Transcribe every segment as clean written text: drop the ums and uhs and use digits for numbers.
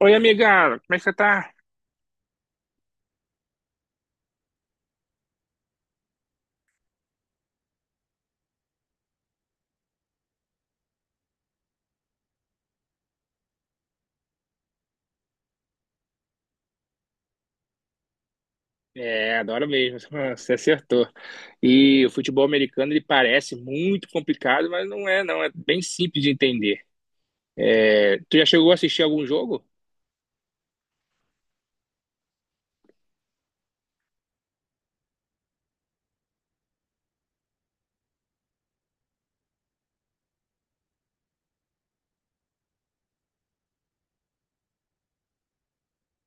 Oi, amigão, como é que você tá? É, adoro mesmo, você acertou. E o futebol americano, ele parece muito complicado, mas não é, não. É bem simples de entender. É, tu já chegou a assistir algum jogo?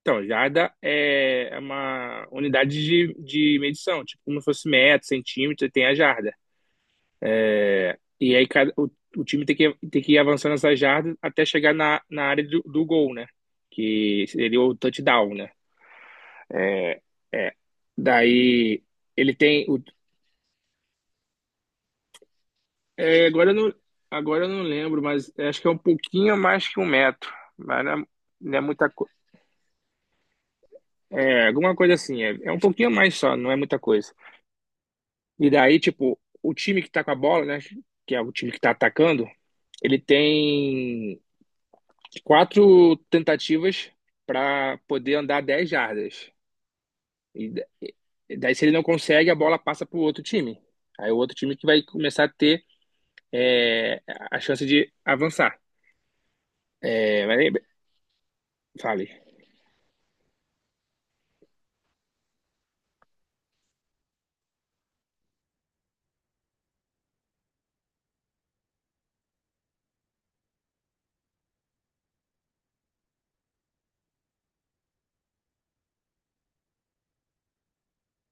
Então, jarda é uma unidade de medição, tipo como se fosse metro, centímetro, tem a jarda. E aí o time tem que ir avançando essa jarda até chegar na área do gol, né? Que seria o touchdown, né? É. Daí ele tem. É, agora eu não lembro, mas é, acho que é um pouquinho mais que um metro. Mas não é, não é muita coisa. É, alguma coisa assim. É, um pouquinho mais só, não é muita coisa. E daí, tipo, o time que tá com a bola, né? Que é o time que tá atacando, ele tem 4 tentativas para poder andar 10 jardas. E, da- e daí, se ele não consegue, a bola passa pro outro time. Aí o outro time que vai começar a ter é, a chance de avançar. É, mas aí, fale.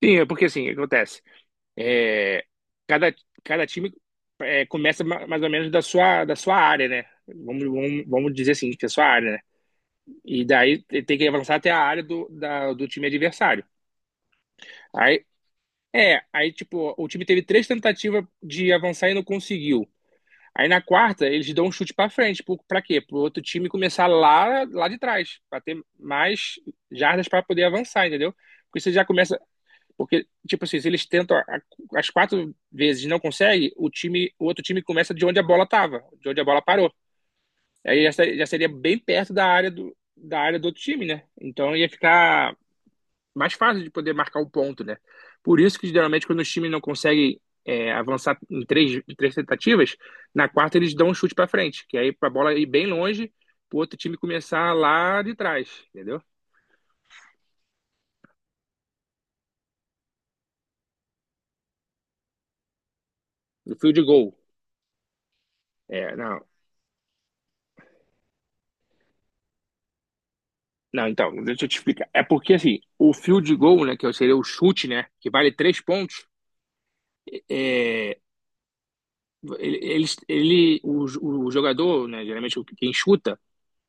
Sim, é porque assim, o que acontece? É, cada, cada time começa mais ou menos da sua área, né? Vamos dizer assim, que é a sua área, né? E daí tem que avançar até a área do, do time adversário. Aí, aí tipo, o time teve 3 tentativas de avançar e não conseguiu. Aí na quarta, eles dão um chute pra frente. Pra quê? Pro outro time começar lá, lá de trás, pra ter mais jardas pra poder avançar, entendeu? Porque você já começa. Porque, tipo assim, se eles tentam as 4 vezes e não conseguem, o outro time começa de onde a bola tava, de onde a bola parou. Aí já, já seria bem perto da área do outro time, né? Então ia ficar mais fácil de poder marcar um ponto, né? Por isso que geralmente quando os times não conseguem avançar em três tentativas, na quarta eles dão um chute pra frente, que aí pra bola ir bem longe, pro outro time começar lá de trás, entendeu? No fio de gol. É, não. Não, então, deixa eu te explicar. É porque, assim, o field goal, né, que seria o chute, né, que vale 3 pontos, é, ele, ele, ele- o, o jogador, né, geralmente quem chuta,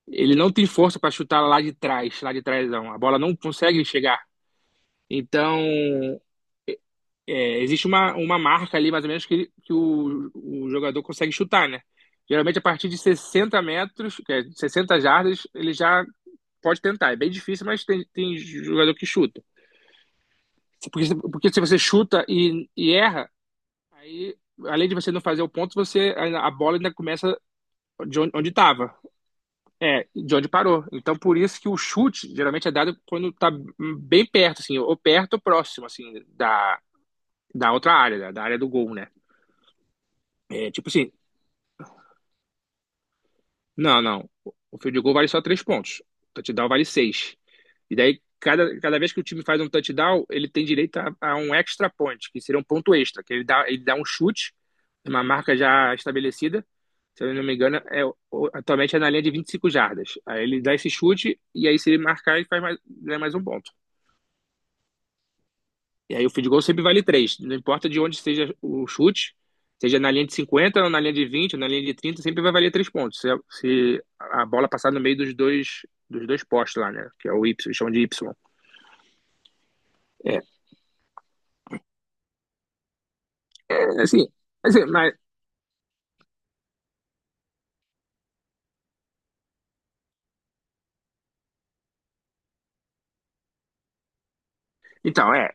ele não tem força para chutar lá de trás, não. A bola não consegue chegar. Então, é, existe uma marca ali, mais ou menos, que, que o jogador consegue chutar, né? Geralmente, a partir de 60 metros, que é 60 jardas, ele já pode tentar. É bem difícil, mas tem, tem jogador que chuta. Porque, porque se você chuta e erra, aí, além de você não fazer o ponto, você a bola ainda começa de onde estava, é, de onde parou. Então, por isso que o chute geralmente é dado quando está bem perto, assim, ou perto ou próximo, assim, da, da outra área, da, da área do gol, né? É, tipo assim, não, não. O field goal vale só 3 pontos. O touchdown vale 6. E daí, cada vez que o time faz um touchdown, ele tem direito a um extra point, que seria um ponto extra, que ele dá um chute, uma marca já estabelecida. Se eu não me engano, é, atualmente é na linha de 25 jardas. Aí ele dá esse chute, e aí se ele marcar, ele faz mais, ganha mais um ponto. E aí o field goal sempre vale 3. Não importa de onde seja o chute, seja na linha de 50, ou na linha de 20, ou na linha de 30, sempre vai valer 3 pontos. Se, se a bola passar no meio dos dois postes lá, né? Que é o Y, eles chamam de Y. É, é assim, assim, mas, então, é,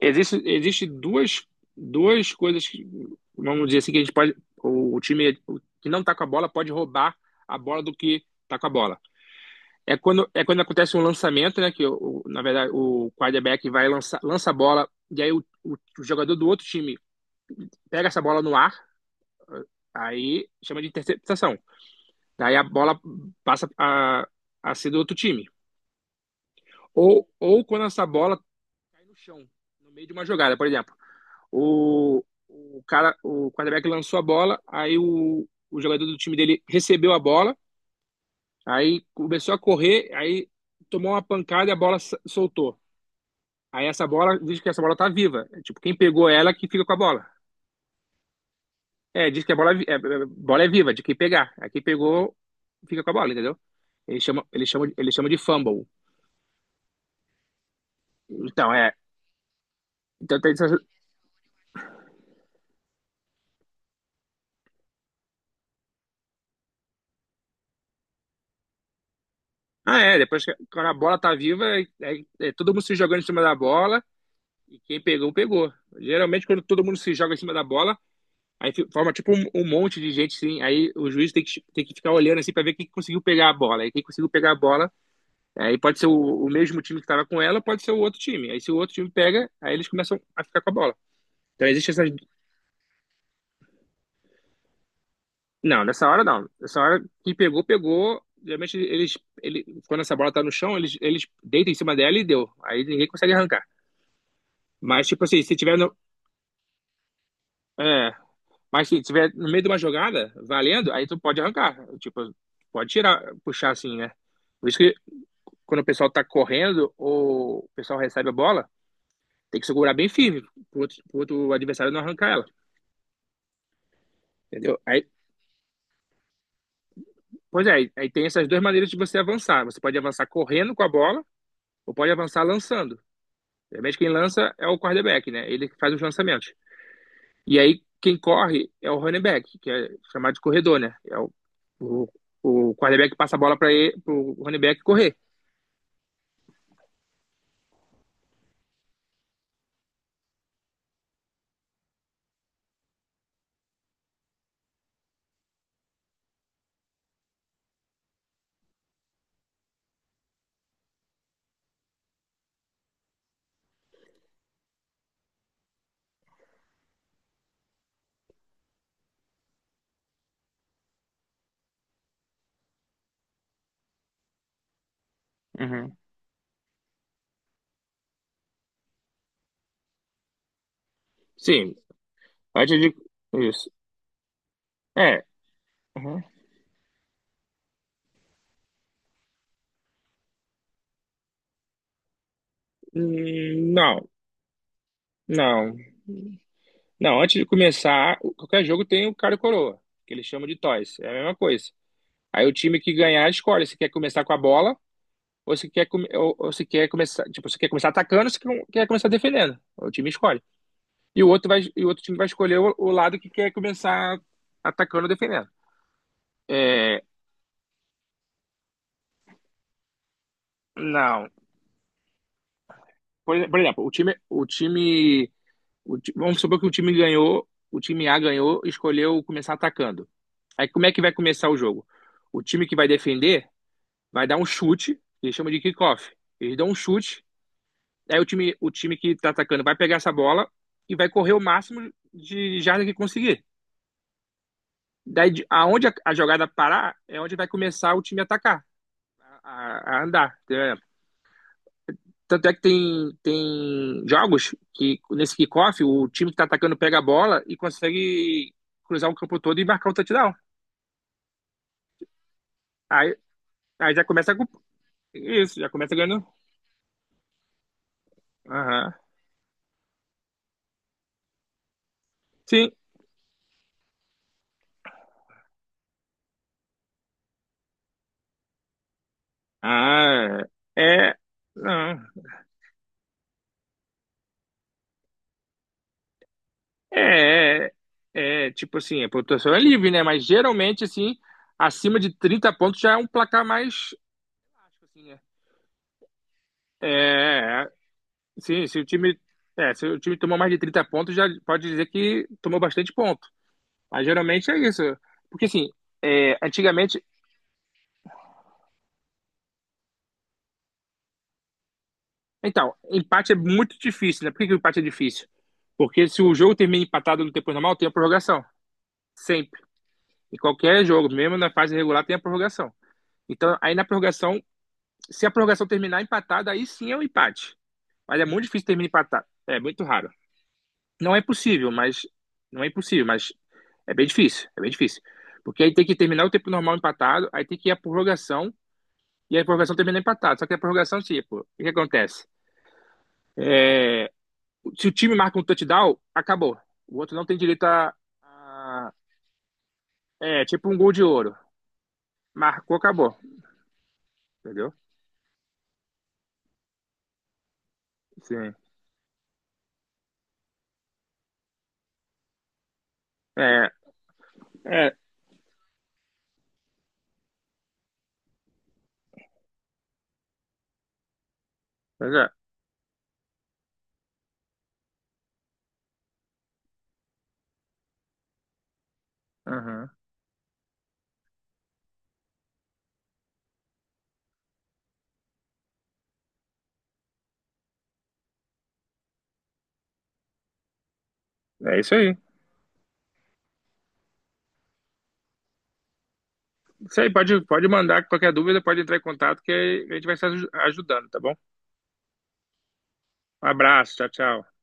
existe duas, duas coisas, que, vamos dizer assim, que a gente pode, o time que não tá com a bola pode roubar a bola do que tá com a bola. É quando acontece um lançamento, né? Que, na verdade, o quarterback vai lançar, lança a bola, e aí o, o jogador do outro time pega essa bola no ar, aí chama de interceptação. Daí a bola passa a ser do outro time. Ou quando essa bola cai no chão, no meio de uma jogada, por exemplo. O cara, o quarterback lançou a bola, aí o jogador do time dele recebeu a bola, aí começou a correr, aí tomou uma pancada e a bola soltou. Aí essa bola, diz que essa bola tá viva. É, tipo, quem pegou ela que fica com a bola. É, diz que a bola é, bola é viva, de quem pegar. Aí quem pegou fica com a bola, entendeu? Ele chama de fumble. Então, é. Então, tem ah, é. Depois que quando a bola tá viva, é, é todo mundo se jogando em cima da bola e quem pegou, pegou. Geralmente, quando todo mundo se joga em cima da bola, aí forma tipo um, um monte de gente, sim. Aí o juiz tem que ficar olhando assim pra ver quem conseguiu pegar a bola. Aí quem conseguiu pegar a bola. Aí pode ser o mesmo time que estava com ela, pode ser o outro time. Aí se o outro time pega, aí eles começam a ficar com a bola. Então existe essas. Não, nessa hora não. Nessa hora, quem pegou, pegou. Geralmente eles. Ele, quando essa bola tá no chão, eles deitam em cima dela e deu. Aí ninguém consegue arrancar. Mas, tipo assim, se tiver no. É, mas se tiver no meio de uma jogada, valendo, aí tu pode arrancar. Tipo, pode tirar, puxar assim, né? Por isso que quando o pessoal tá correndo ou o pessoal recebe a bola, tem que segurar bem firme pro outro adversário não arrancar ela. Entendeu? Aí, pois é, aí tem essas duas maneiras de você avançar. Você pode avançar correndo com a bola ou pode avançar lançando. Geralmente quem lança é o quarterback, né? Ele que faz os lançamentos. E aí quem corre é o running back, que é chamado de corredor, né? É o, o quarterback passa a bola para o running back correr. Uhum. Sim, antes de. Isso. É. Uhum. Não, não. Não, antes de começar, qualquer jogo tem o cara e coroa, que eles chamam de toys. É a mesma coisa. Aí o time que ganhar escolhe se quer começar com a bola ou se quer, ou se quer começar, tipo, se quer começar atacando ou se quer começar defendendo. O time escolhe. E o outro vai, e o outro time vai escolher o lado que quer começar atacando ou defendendo. É, não. Por, por exemplo, o time, o time, o ti- vamos supor que o time ganhou, o time A ganhou, e escolheu começar atacando. Aí como é que vai começar o jogo? O time que vai defender vai dar um chute, eles chamam de kickoff. Eles dão um chute. Aí o time que tá atacando vai pegar essa bola e vai correr o máximo de jardas que conseguir. Daí, aonde a jogada parar, é onde vai começar o time a atacar, a andar. É, tanto é que tem, tem jogos que, nesse kickoff, o time que tá atacando pega a bola e consegue cruzar o campo todo e marcar um touchdown. Aí, aí já começa a, isso, já começa ganhando. Aham. Sim. Ah, é. É, não. É, é, tipo assim, a pontuação é livre, né? Mas geralmente, assim, acima de 30 pontos já é um placar mais. Assim, né? É, sim, se o time, se o time tomou mais de 30 pontos, já pode dizer que tomou bastante ponto. Mas geralmente é isso. Porque assim, é, antigamente. Então, empate é muito difícil, né? Por que que o empate é difícil? Porque se o jogo termina empatado no tempo normal, tem a prorrogação. Sempre. Em qualquer jogo, mesmo na fase regular, tem a prorrogação. Então, aí na prorrogação, se a prorrogação terminar empatada, aí sim é um empate. Mas é muito difícil terminar empatado. É muito raro. Não é possível, mas. Não é impossível, mas é bem difícil. É bem difícil. Porque aí tem que terminar o tempo normal empatado, aí tem que ir a prorrogação, e a prorrogação termina empatado. Só que a prorrogação, tipo, o que acontece? Se o time marca um touchdown, acabou. O outro não tem direito a. A é, tipo um gol de ouro. Marcou, acabou. Entendeu? Sim. É, é. Mas é. Uhum. É isso aí. Isso aí, pode, pode mandar qualquer dúvida, pode entrar em contato que a gente vai estar ajudando, tá bom? Um abraço, tchau, tchau.